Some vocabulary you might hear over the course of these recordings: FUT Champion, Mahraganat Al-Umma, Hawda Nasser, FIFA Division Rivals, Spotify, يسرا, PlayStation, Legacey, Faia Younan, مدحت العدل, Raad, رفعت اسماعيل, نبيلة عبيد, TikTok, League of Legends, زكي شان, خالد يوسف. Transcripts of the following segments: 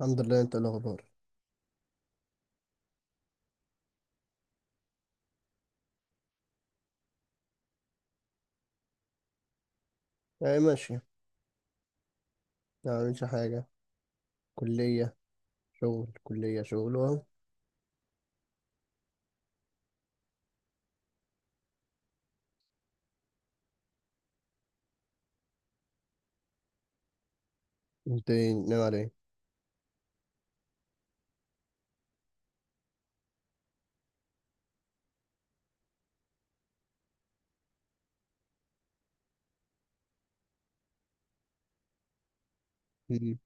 الحمد لله. انت ايه الاخبار؟ يعني ماشي. يعني مش حاجه. كليه. شغل كليه، شغل اهو. انت ايه، ناوي على ايه؟ مم.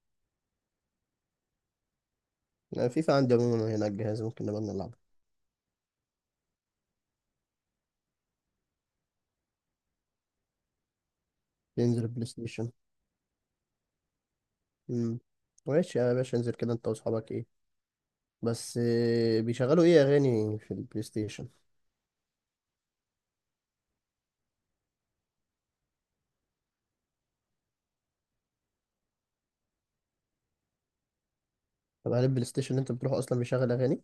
يعني فيفا عندي عموما هنا على الجهاز، ممكن نبقى نلعب. ننزل بلاي ستيشن. مم. ماشي يا باشا، انزل كده انت واصحابك، ايه. بس بيشغلوا ايه اغاني في البلاي ستيشن؟ طب هل البلاي ستيشن اللي انت بتروحه اصلا بيشغل اغاني؟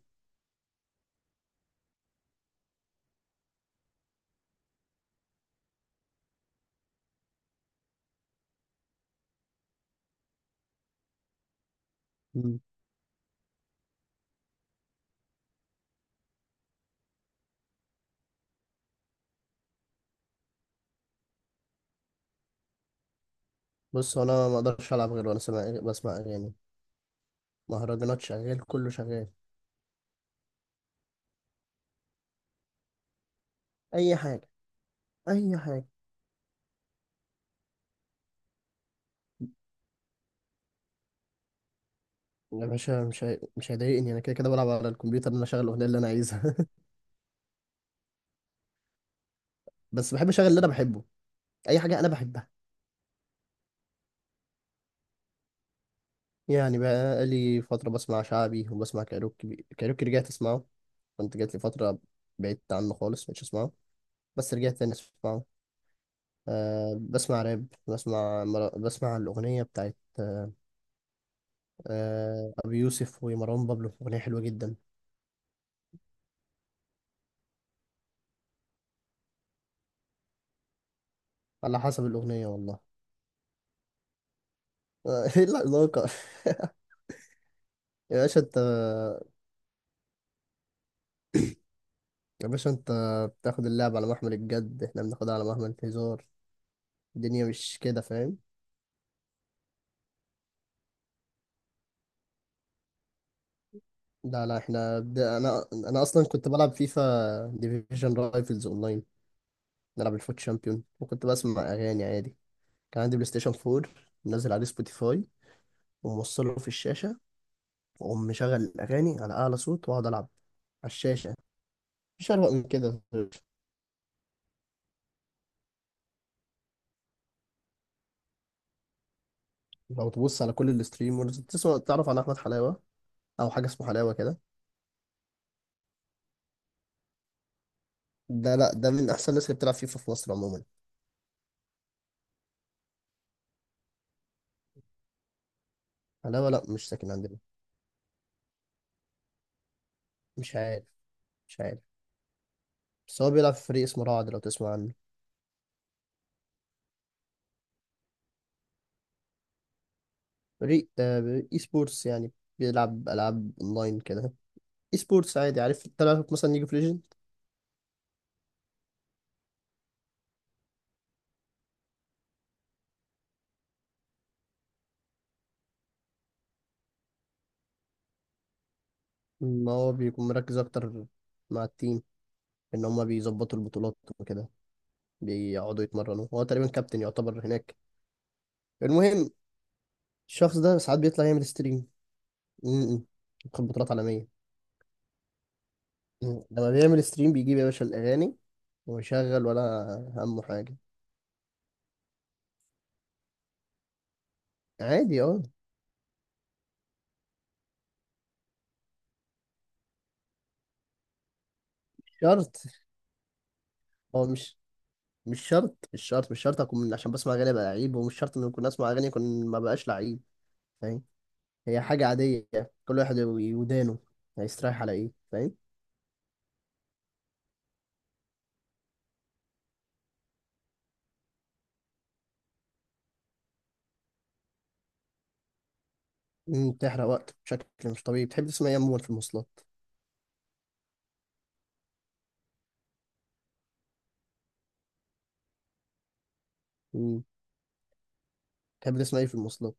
مم. بص، هو انا ما اقدرش العب غير وانا سامع، بسمع اغاني. مهرجانات شغال، كله شغال. اي حاجه، اي حاجه. يا باشا، مش هيضايقني، انا كده كده بلعب على الكمبيوتر ان انا اشغل الاغنيه اللي انا عايزها. بس بحب اشغل اللي انا بحبه. اي حاجه انا بحبها. يعني بقى لي فتره بسمع شعبي وبسمع كايروكي. كايروكي رجعت اسمعه، كنت جات لي فتره بعدت عنه خالص مش اسمعه، بس رجعت تاني اسمعه. بسمع راب. بسمع الاغنيه بتاعت ابي يوسف ومروان بابلو، اغنيه حلوه جدا. على حسب الاغنيه والله. ايه العلاقه؟ يا باشا انت، يا باشا انت، بتاخد اللعب على محمل الجد، احنا بناخدها على محمل الهزار. الدنيا مش كده، فاهم. لا لا، انا اصلا كنت بلعب فيفا ديفيجن رايفلز اونلاين، نلعب الفوت شامبيون وكنت بسمع اغاني عادي. كان عندي بلاي ستيشن 4، منزل عليه سبوتيفاي، وموصله في الشاشه، واقوم مشغل الاغاني على اعلى صوت واقعد العب على الشاشه. مش اروق من كده. لو تبص على كل الستريمرز تسمع، تعرف عن احمد حلاوه، او حاجه اسمه حلاوه كده. ده، لا، ده من احسن الناس اللي بتلعب فيفا في مصر عموما. علاوة، لا مش ساكن عندنا. مش عارف، مش عارف. بس هو بيلعب في فريق اسمه رعد، لو تسمع عنه. فريق اي سبورتس يعني، بيلعب ألعاب اونلاين كده. اي سبورتس عادي، عارف تلعب مثلا ليج اوف ليجند. ما هو بيكون مركز اكتر مع التيم، ان هما بيظبطوا البطولات وكده، بيقعدوا يتمرنوا، هو تقريبا كابتن يعتبر هناك. المهم، الشخص ده ساعات بيطلع يعمل ستريم. امم. يدخل بطولات عالمية. لما بيعمل ستريم بيجيب يا باشا الأغاني ويشغل ولا همه حاجة. عادي، اه. شرط. هو مش، مش شرط، مش شرط، مش شرط اكون عشان بسمع اغاني ابقى لعيب، ومش شرط ان اكون اسمع اغاني اكون ما بقاش لعيب، فاهم. هي حاجه عاديه، كل واحد ودانه هيستريح على ايه، فاهم. بتحرق وقت بشكل مش طبيعي. بتحب تسمع ايه عموما في المواصلات؟ مم، بتحب تسمع ايه في المواصلات؟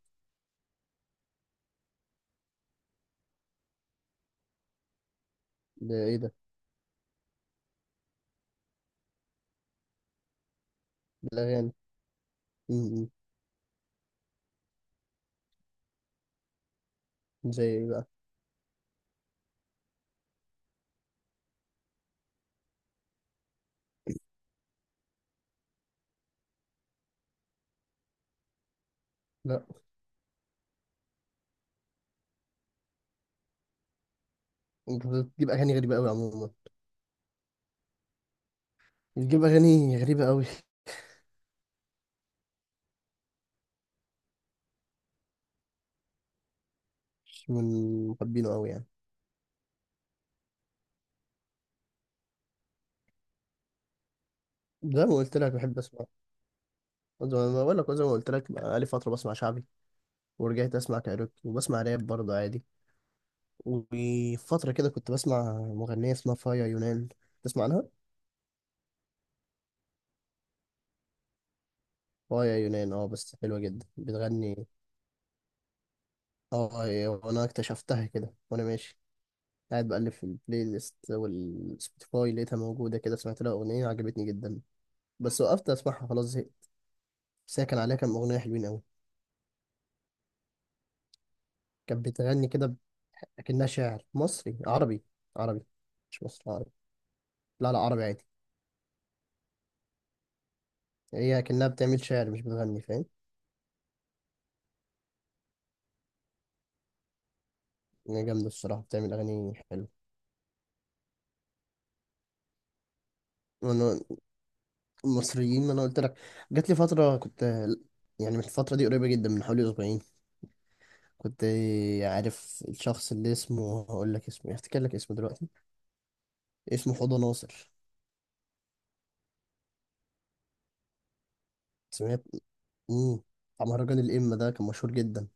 ده ايه ده؟ الاغاني. مم، زي ايه بقى؟ لا، انت بتجيب اغاني غريبه قوي عموما. بتجيب اغاني غريبه قوي. مش من محبينه قوي يعني. زي ما قلت لك بحب اسمع، زي ما قلت لك بقى لي فتره بسمع شعبي، ورجعت اسمع كايروكي، وبسمع راب برضه عادي. وفترة كده كنت بسمع مغنية اسمها فايا يونان، تسمع عنها؟ فايا يونان، بس حلوة جدا بتغني. وانا اكتشفتها كده وانا ماشي، قاعد بقلب في البلاي ليست والسبوتيفاي، لقيتها موجودة كده، سمعت لها أغنية عجبتني جدا. بس وقفت أسمعها خلاص، زهقت. بس هي كان عليها كام أغنية حلوين أوي. كانت بتغني كده، أكنها شاعر مصري، عربي. عربي، مش مصري، عربي. لا لا، عربي عادي. هي أكنها بتعمل شعر، مش بتغني، فاهم. هي جامدة الصراحة، بتعمل أغاني حلوة. وأنا، المصريين، ما أنا قلت لك، جات لي فترة كنت، يعني من الفترة دي قريبة جدا، من حوالي أسبوعين، كنت. عارف الشخص اللي اسمه، هقول لك اسمه، هفتكر لك اسمه دلوقتي. اسمه حوضة ناصر، سمعت؟ امم. بتاع مهرجان الإمة ده، كان مشهور جدا.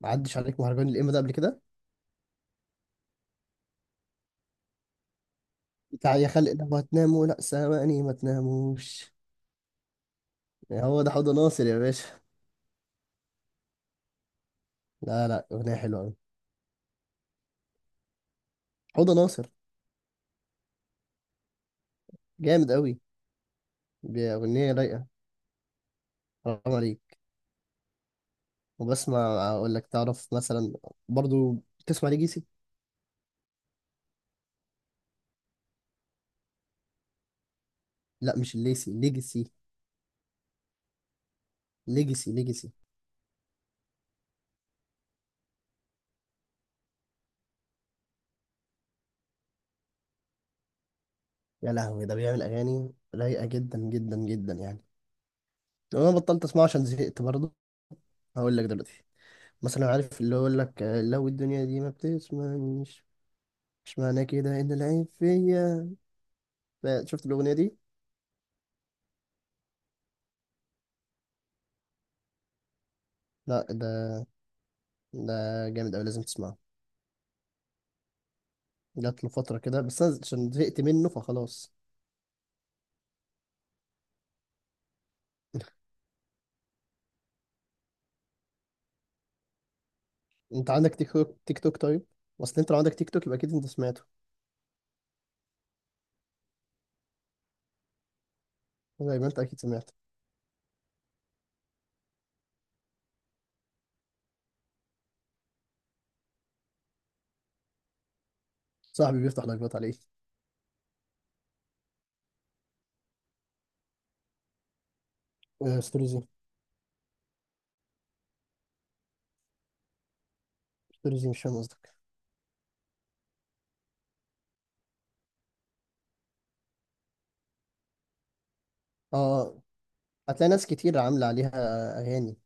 ما عدش عليك مهرجان الإمة ده قبل كده؟ بتاع يا خلق لو هتناموا لأ سامعني ما تناموش. هو ده حوضة ناصر يا باشا. لا لا، أغنية حلوة أوي. حوضة ناصر، جامد أوي، بأغنية رايقة، حرام عليك. وبسمع، اقول لك، تعرف مثلا برضو تسمع ليجيسي؟ لا، مش الليسي، ليجيسي. ليجيسي، ليجيسي. يا لهوي، ده بيعمل اغاني رايقه جدا جدا جدا يعني. انا بطلت اسمعه عشان زهقت برضو. هقول لك دلوقتي، مثلا عارف اللي يقول لك لو الدنيا دي ما بتسمعنيش، مش معنى كده ان العين فيا؟ شفت الاغنيه دي؟ لا، ده جامد قوي، لازم تسمعه. جات له فتره كده، بس انا عشان زهقت منه فخلاص. انت عندك تيك توك؟ تيك توك، طيب. اصل انت لو عندك تيك توك يبقى اكيد انت سمعته، زي ما انت اكيد سمعت. صاحبي بيفتح لايفات عليه. ستوريزي؟ ستوريزي مش فاهم قصدك. اه، هتلاقي ناس كتير عامله عليها اغاني.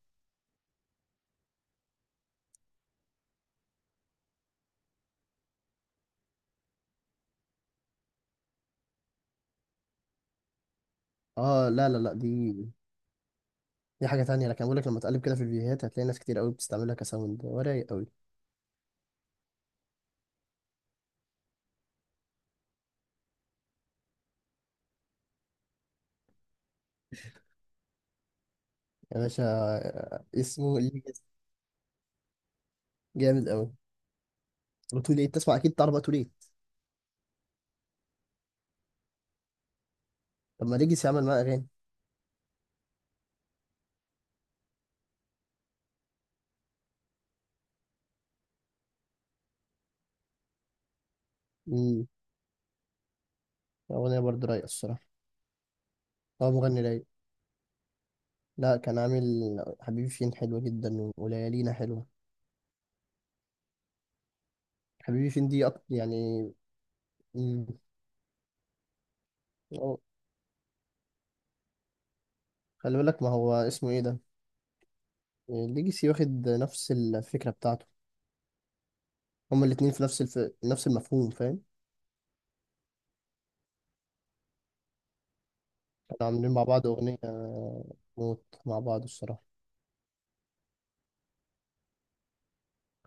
اه لا لا لا، دي، دي حاجه تانية. لكن بقول لك، لما تقلب كده في الفيديوهات هتلاقي ناس كتير قوي بتستعملها كساوند، ورايق قوي. يا باشا، اسمه ليجاسي، جامد قوي. وتو ليت، تسمع اكيد، تعرف بقى تو ليت؟ طب ما ليجاسي عمل معاه اغاني. امم. اغنيه برضه رايقه الصراحه، هو مغني رايق. لا، كان عامل حبيبي فين، حلوه جدا، وليالينا حلوه. حبيبي فين دي أكتر يعني. مم. خلي بالك، ما هو اسمه ايه ده، ليجاسي واخد نفس الفكرة بتاعته. هما الاتنين في نفس نفس المفهوم، فاهم. كانوا عاملين مع بعض أغنية، موت مع بعض الصراحة.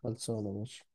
خلصانة، ماشي.